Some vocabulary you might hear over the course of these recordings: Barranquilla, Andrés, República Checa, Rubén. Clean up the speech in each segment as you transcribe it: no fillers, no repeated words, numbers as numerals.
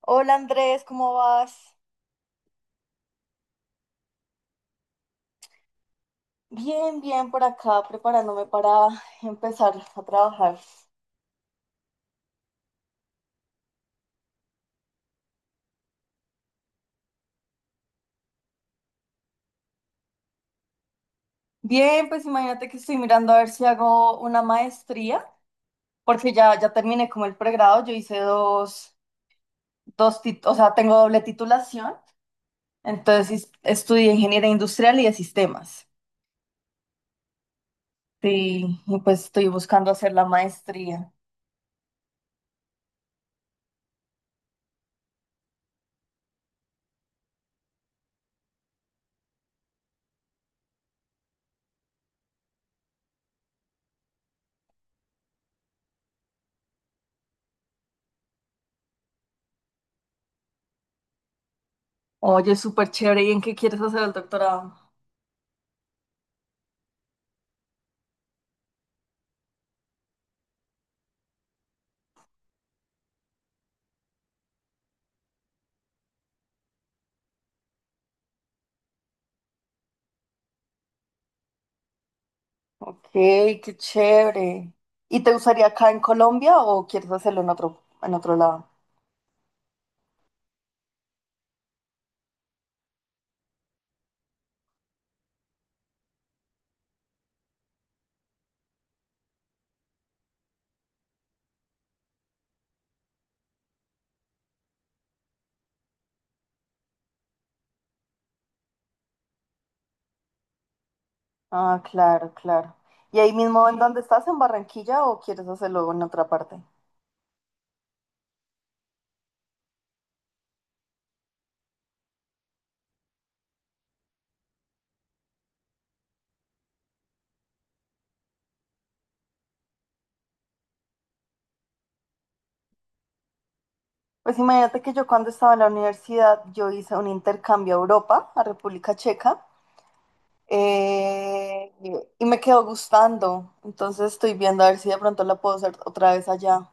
Hola Andrés, ¿cómo vas? Bien, bien por acá, preparándome para empezar a trabajar. Bien, pues imagínate que estoy mirando a ver si hago una maestría, porque ya terminé como el pregrado, yo hice o sea, tengo doble titulación, entonces estudié ingeniería industrial y de sistemas. Sí, y pues estoy buscando hacer la maestría. Oye, súper chévere, ¿y en qué quieres hacer el doctorado? Ok, qué chévere. ¿Y te gustaría acá en Colombia o quieres hacerlo en otro lado? Ah, claro, claro. ¿Y ahí mismo en dónde estás, en Barranquilla, o quieres hacerlo en otra parte? Pues imagínate que yo cuando estaba en la universidad, yo hice un intercambio a Europa, a República Checa, eh, y me quedó gustando. Entonces estoy viendo a ver si de pronto la puedo hacer otra vez allá.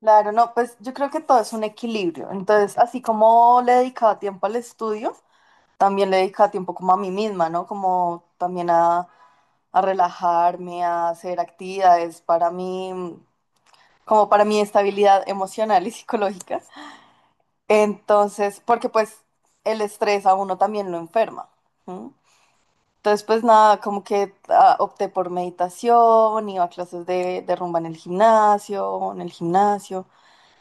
Claro, no, pues yo creo que todo es un equilibrio. Entonces, así como le dedicaba tiempo al estudio, también le dedicaba tiempo como a mí misma, ¿no? Como también a relajarme, a hacer actividades para mí, como para mi estabilidad emocional y psicológica. Entonces, porque pues el estrés a uno también lo enferma. ¿Sí? Entonces, pues nada, como que ah, opté por meditación, iba a clases de rumba en el gimnasio.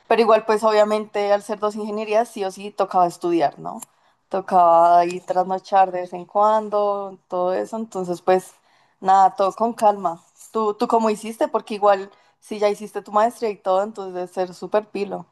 Pero igual, pues obviamente al ser dos ingenierías, sí o sí tocaba estudiar, ¿no? Tocaba ir trasnochar de vez en cuando, todo eso. Entonces, pues nada, todo con calma. ¿Tú cómo hiciste? Porque igual, si ya hiciste tu maestría y todo, entonces debe ser súper pilo.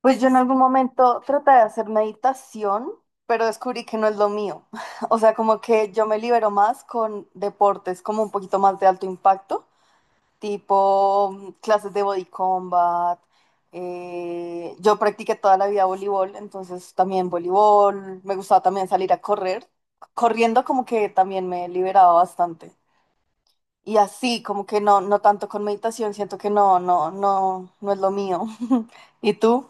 Pues yo en algún momento traté de hacer meditación, pero descubrí que no es lo mío. O sea, como que yo me libero más con deportes como un poquito más de alto impacto tipo clases de body combat. Yo practiqué toda la vida voleibol, entonces también voleibol. Me gustaba también salir a correr. Corriendo como que también me liberaba bastante. Y así, como que no, no tanto con meditación, siento que no, no, no, no es lo mío. ¿Y tú?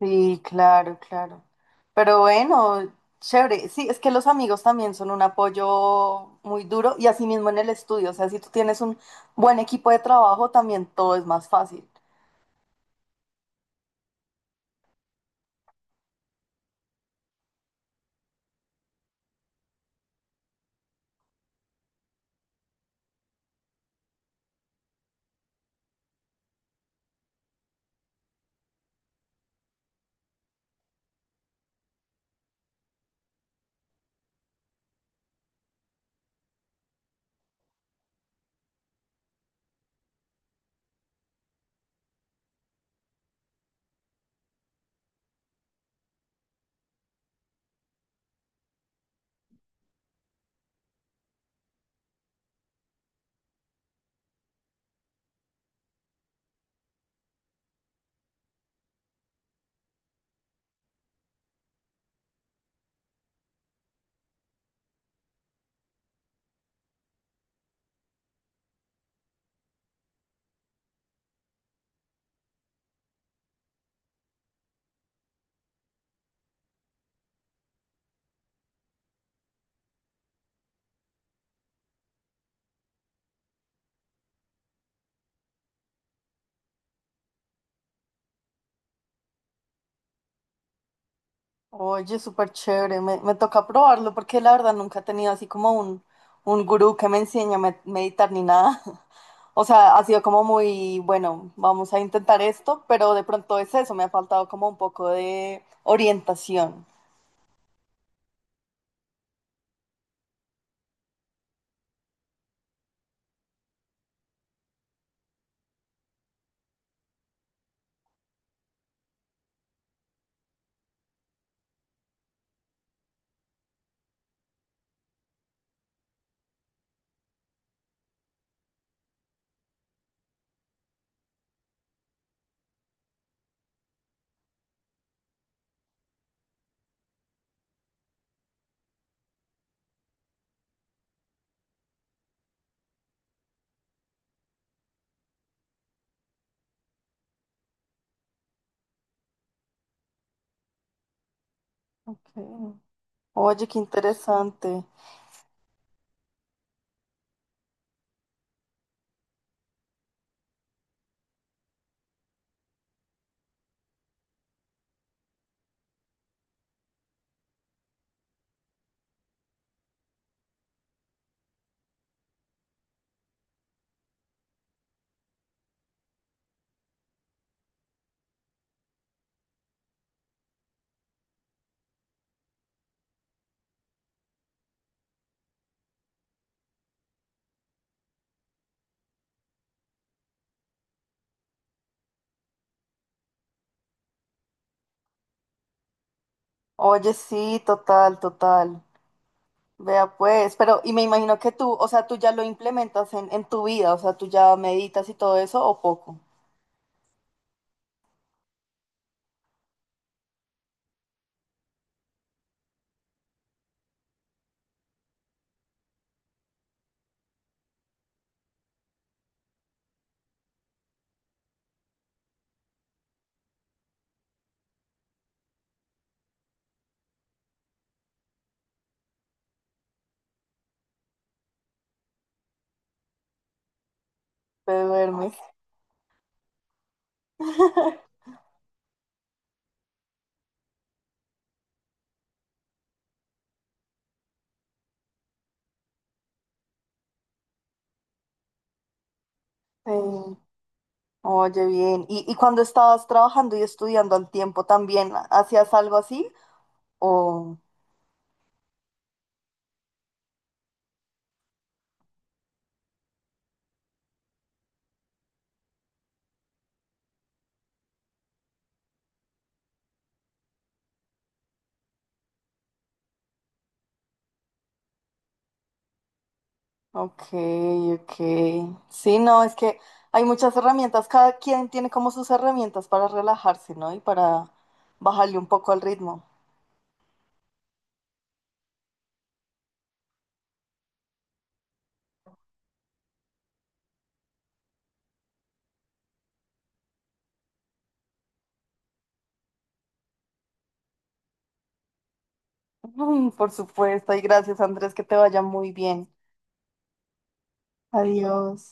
Sí, claro, claro. Pero bueno, chévere. Sí, es que los amigos también son un apoyo muy duro y así mismo en el estudio. O sea, si tú tienes un buen equipo de trabajo, también todo es más fácil. Oye, súper chévere. Me toca probarlo porque la verdad nunca he tenido así como un gurú que me enseñe a meditar ni nada. O sea, ha sido como muy, bueno, vamos a intentar esto, pero de pronto es eso, me ha faltado como un poco de orientación. Ok. Oye, qué interesante. Oye, sí, total, total. Vea pues, pero y me imagino que tú, o sea, tú ya lo implementas en tu vida, o sea, tú ya meditas y todo eso o poco. Te duermes. Sí. Oye, bien. ¿Y cuando estabas trabajando y estudiando al tiempo también, hacías algo así? O, ok, ok. Sí, no, es que hay muchas herramientas, cada quien tiene como sus herramientas para relajarse, ¿no? Y para bajarle un poco al ritmo. Mm, por supuesto, y gracias Andrés, que te vaya muy bien. Adiós.